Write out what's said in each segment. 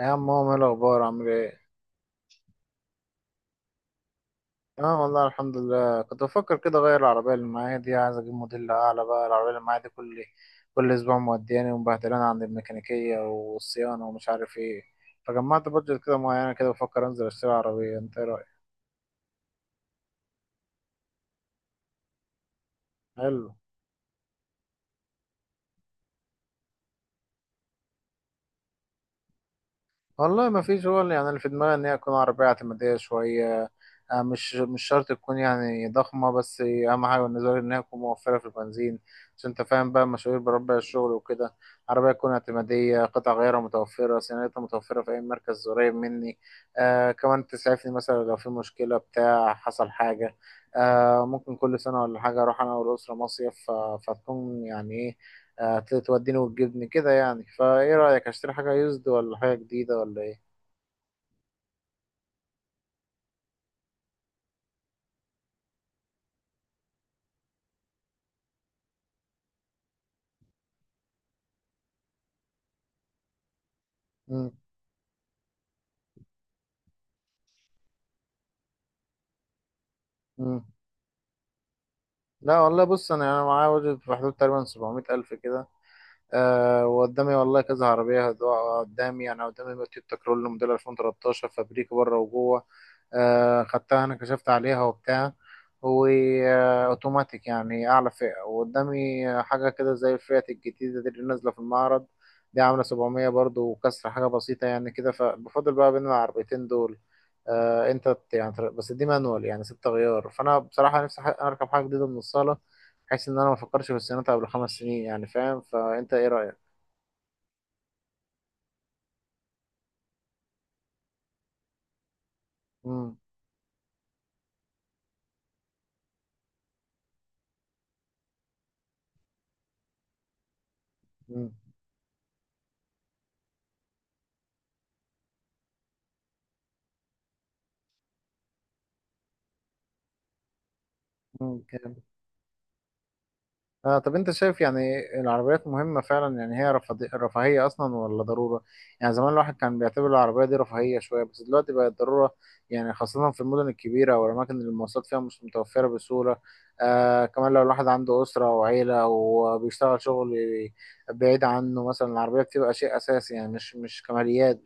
يا عم، هو ايه الاخبار؟ عامل ايه؟ اه والله الحمد لله. كنت بفكر كده اغير العربيه اللي معايا دي، عايز اجيب موديل اعلى بقى. العربيه اللي معايا دي كل اسبوع مودياني ومبهدلاني عند الميكانيكيه والصيانه ومش عارف ايه. فجمعت بادجت كده معينه، كده بفكر انزل اشتري عربيه. انت ايه رايك؟ حلو. والله ما فيش، هو يعني اللي في دماغي ان هي تكون عربية اعتمادية شوية. آه، مش شرط تكون يعني ضخمة، بس أهم حاجة بالنسبة لي إن هي تكون موفرة في البنزين. عشان أنت فاهم بقى، مشاوير بربع الشغل وكده. عربية تكون اعتمادية، قطع غيارها متوفرة، صيانتها متوفرة في أي مركز قريب مني. آه، كمان تسعفني مثلا لو في مشكلة، بتاع حصل حاجة. آه، ممكن كل سنة ولا حاجة أروح أنا والأسرة مصيف، فتكون يعني إيه، هتوديني وتجيبني كده. يعني فايه رأيك، اشتري حاجة يوزد ولا حاجة جديدة ولا ايه؟ مم. مم. لا والله، بص، انا معايا بادجت في حدود تقريبا 700 الف كده. أه، وقدامي والله كذا عربية هتقع قدامي. يعني قدامي تويوتا كرول موديل 2013، فابريك بره وجوه. آه، خدتها انا، كشفت عليها وبتاع، واوتوماتيك، يعني اعلى فئة. وقدامي حاجة كده زي الفئات الجديدة دي اللي نازلة في المعرض، دي عاملة 700 برضو وكسر، حاجة بسيطة يعني كده. فبفضل بقى بين العربيتين دول. آه انت بس دي مانوال، يعني ست غيار، فانا بصراحة نفسي اركب حاجة جديدة من الصالة، بحيث ان انا ما افكرش في الصيانات قبل خمس سنين، يعني فاهم. فانت ايه رأيك؟ امم امم آه، طب انت شايف يعني العربيات مهمة فعلا؟ يعني هي رفاهية اصلا ولا ضرورة؟ يعني زمان الواحد كان بيعتبر العربية دي رفاهية شوية، بس دلوقتي بقت ضرورة. يعني خاصة في المدن الكبيرة او الاماكن اللي المواصلات فيها مش متوفرة بسهولة. آه، كمان لو الواحد عنده اسرة وعيلة وبيشتغل شغل بعيد عنه مثلا، العربية بتبقى شيء اساسي، يعني مش كماليات.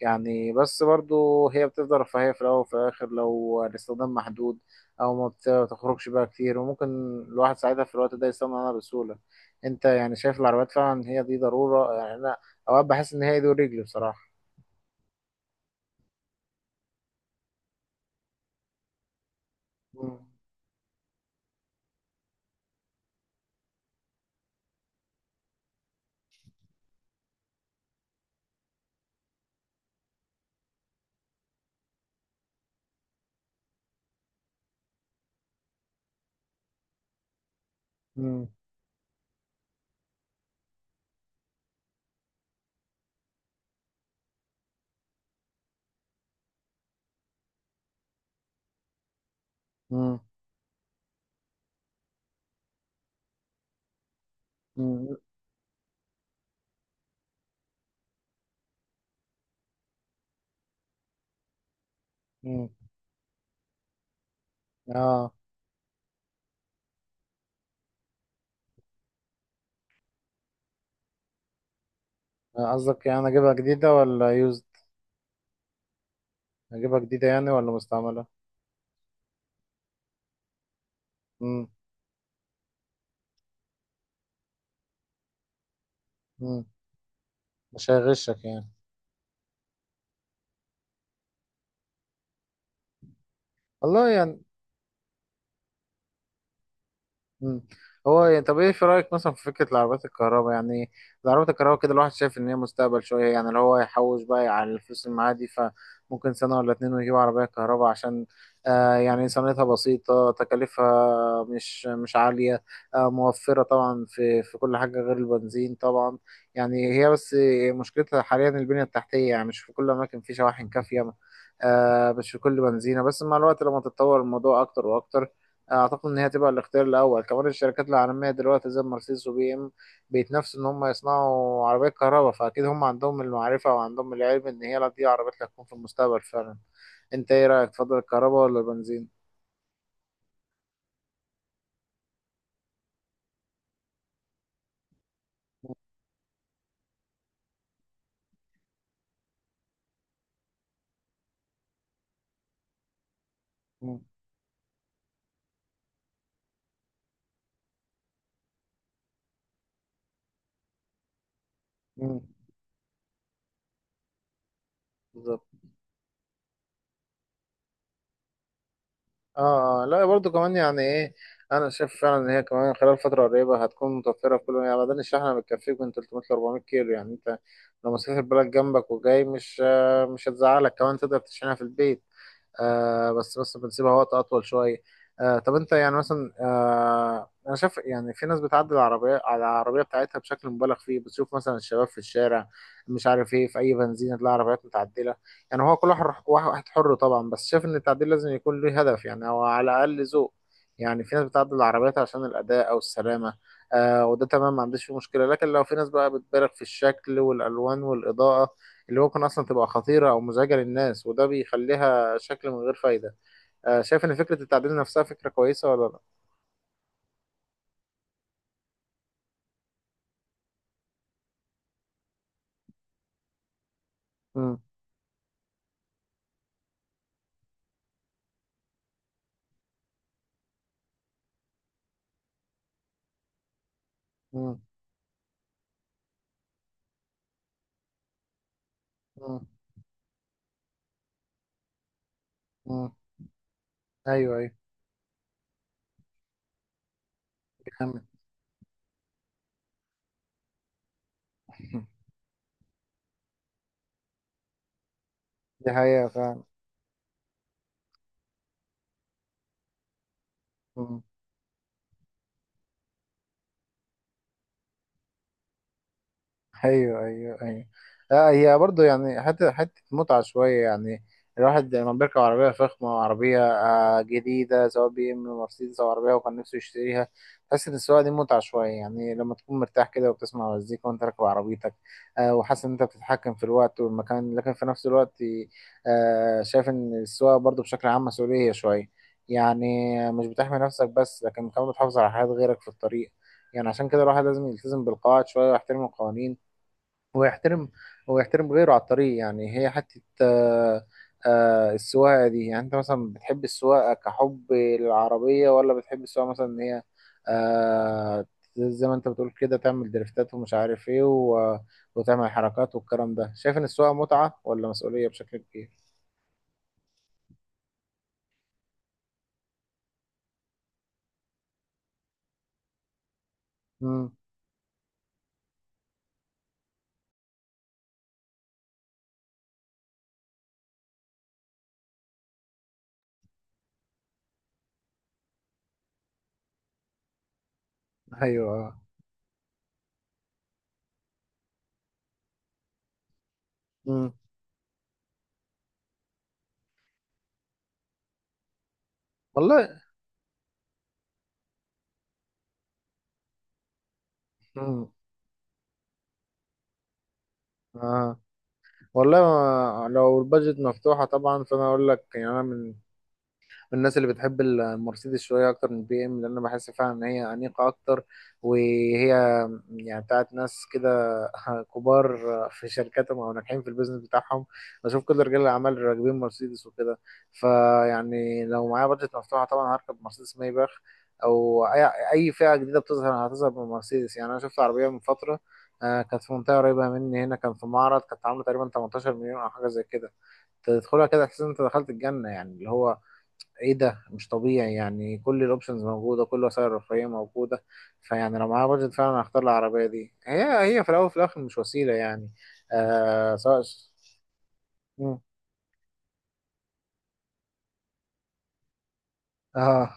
يعني بس برضو هي بتفضل رفاهية في الاول وفي الاخر لو الاستخدام محدود او ما بتخرجش بقى كتير، وممكن الواحد ساعتها في الوقت ده يستغنى عنها بسهوله. انت يعني شايف العربيات فعلا هي دي ضروره؟ يعني انا اوقات بحس ان هي ايدي ورجلي بصراحه. مم. مم. مم. مم. مم. اه. قصدك يعني اجيبها جديده ولا يوزد؟ اجيبها جديده يعني ولا مستعمله؟ مم. مم. مش هيغشك يعني. والله يعني. مم. هو يعني، طب ايه في رايك مثلا في فكره العربيات الكهرباء؟ يعني العربيات الكهرباء كده الواحد شايف ان هي مستقبل شويه. يعني اللي هو يحوش بقى على الفلوس اللي معاه دي، فممكن سنه ولا اتنين ويجيب عربيه كهرباء، عشان آه يعني صيانتها بسيطه، تكاليفها مش عاليه. آه، موفره طبعا في كل حاجه غير البنزين طبعا. يعني هي بس مشكلتها حاليا البنيه التحتيه، يعني مش في كل الاماكن في شواحن كافيه. آه، مش في كل بنزينه. بس مع الوقت، لما تتطور الموضوع اكتر واكتر، اعتقد ان هي هتبقى الاختيار الاول. كمان الشركات العالميه دلوقتي زي مرسيدس وبي ام بيتنافسوا ان هم يصنعوا عربيات كهرباء، فاكيد هم عندهم المعرفه وعندهم العلم ان هي، لا، دي عربيات اللي هتكون في المستقبل فعلا. انت ايه رايك، تفضل الكهرباء ولا البنزين؟ مم. مم. بالظبط. اه آه، لا برضو كمان يعني ايه، انا شايف فعلا ان هي كمان خلال فتره قريبه هتكون متوفره في كل، يعني بدل الشحنه بتكفيك من 300 ل 400 كيلو. يعني انت لو مسافر بلد جنبك وجاي، مش آه، مش هتزعلك. كمان تقدر تشحنها في البيت، آه، بس بنسيبها وقت اطول شويه. آه، طب انت يعني مثلا، آه، انا شايف يعني في ناس بتعدل العربيه على العربيه بتاعتها بشكل مبالغ فيه. بتشوف مثلا الشباب في الشارع، مش عارف ايه، في اي بنزينه تلاقي عربيات متعدله. يعني هو كل واحد واحد حر طبعا، بس شايف ان التعديل لازم يكون له هدف يعني، او على الاقل ذوق. يعني في ناس بتعدل العربيات عشان الاداء او السلامه، آه، وده تمام، ما عنديش فيه مشكله. لكن لو في ناس بقى بتبالغ في الشكل والالوان والاضاءه اللي ممكن اصلا تبقى خطيره او مزعجه للناس، وده بيخليها شكل من غير فايدة. آه، شايف إن فكرة التعديل نفسها فكرة كويسة ولا لأ؟ مم. مم. مم. مم. أيوه، أيوه. كمل. دي حقيقة فعلا. ايوه، ايوه، ايوه. آه، هي برضه يعني حته متعه شويه يعني. الواحد لما بيركب عربيه فخمه، عربيه آه جديده، سواء بي ام، مرسيدس او عربيه وكان نفسه يشتريها، تحس ان السواقه دي متعه شويه يعني. لما تكون مرتاح كده وبتسمع مزيكا وانت راكب عربيتك، آه، وحاسس ان انت بتتحكم في الوقت والمكان. لكن في نفس الوقت، آه، شايف ان السواقه برضه بشكل عام مسؤوليه شويه يعني. مش بتحمي نفسك بس، لكن كمان بتحافظ على حياه غيرك في الطريق. يعني عشان كده الواحد لازم يلتزم بالقواعد شويه ويحترم القوانين. هو يحترم هو يحترم غيره على الطريق. يعني هي حتة آه، آه، السواقة دي، يعني انت مثلا بتحب السواقة كحب للعربية، ولا بتحب السواقة مثلا ان هي آه، زي ما انت بتقول كده، تعمل دريفتات ومش عارف ايه وتعمل حركات والكلام ده؟ شايف ان السواقة متعة ولا مسؤولية بشكل كبير؟ امم ايوه. امم والله. امم آه. والله لو البادجت مفتوحة طبعا، فأنا أقول لك يعني. أنا من الناس اللي بتحب المرسيدس شويه اكتر من البي ام، لان انا بحس فعلا ان هي انيقه اكتر، وهي يعني بتاعت ناس كده كبار في شركاتهم او ناجحين في البيزنس بتاعهم. بشوف كل رجال الاعمال اللي راكبين مرسيدس وكده. فيعني لو معايا بادجت مفتوحه طبعا هركب مرسيدس مايباخ، او اي فئه جديده بتظهر هتظهر بالمرسيدس. يعني انا شفت عربيه من فتره، آه، كانت في منطقه قريبه مني هنا، كان في معرض، كانت عامله تقريبا 18 مليون او حاجه زي كده. تدخلها كده تحس ان انت دخلت الجنه، يعني اللي هو ايه ده، مش طبيعي يعني. كل الاوبشنز موجوده، كل وسائل الرفاهيه موجوده. فيعني لو معايا بادجت فعلا هختار العربيه دي، هي هي في الاول وفي الاخر مش وسيله يعني. آه، سواء. مم. اه.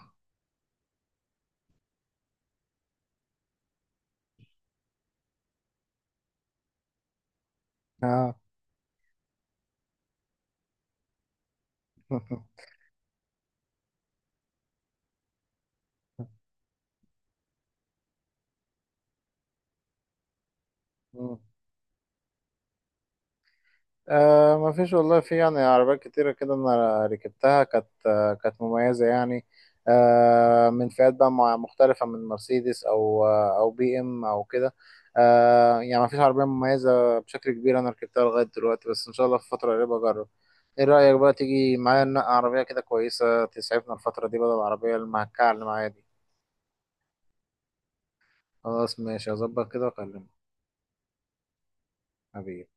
اه. آه، ما فيش والله. في يعني عربيات كتيرة كده أنا ركبتها، كانت آه كانت مميزة يعني، آه، من فئات بقى مختلفة، من مرسيدس أو آه أو بي إم أو كده. آه، يعني ما فيش عربية مميزة بشكل كبير أنا ركبتها لغاية دلوقتي، بس إن شاء الله في فترة قريبة أجرب. إيه رأيك بقى تيجي معايا ننقي عربية كده كويسة تسعفنا الفترة دي، بدل العربية المهكعة اللي معايا دي؟ خلاص، ماشي، هظبط كده وأكلمك. حبيبي.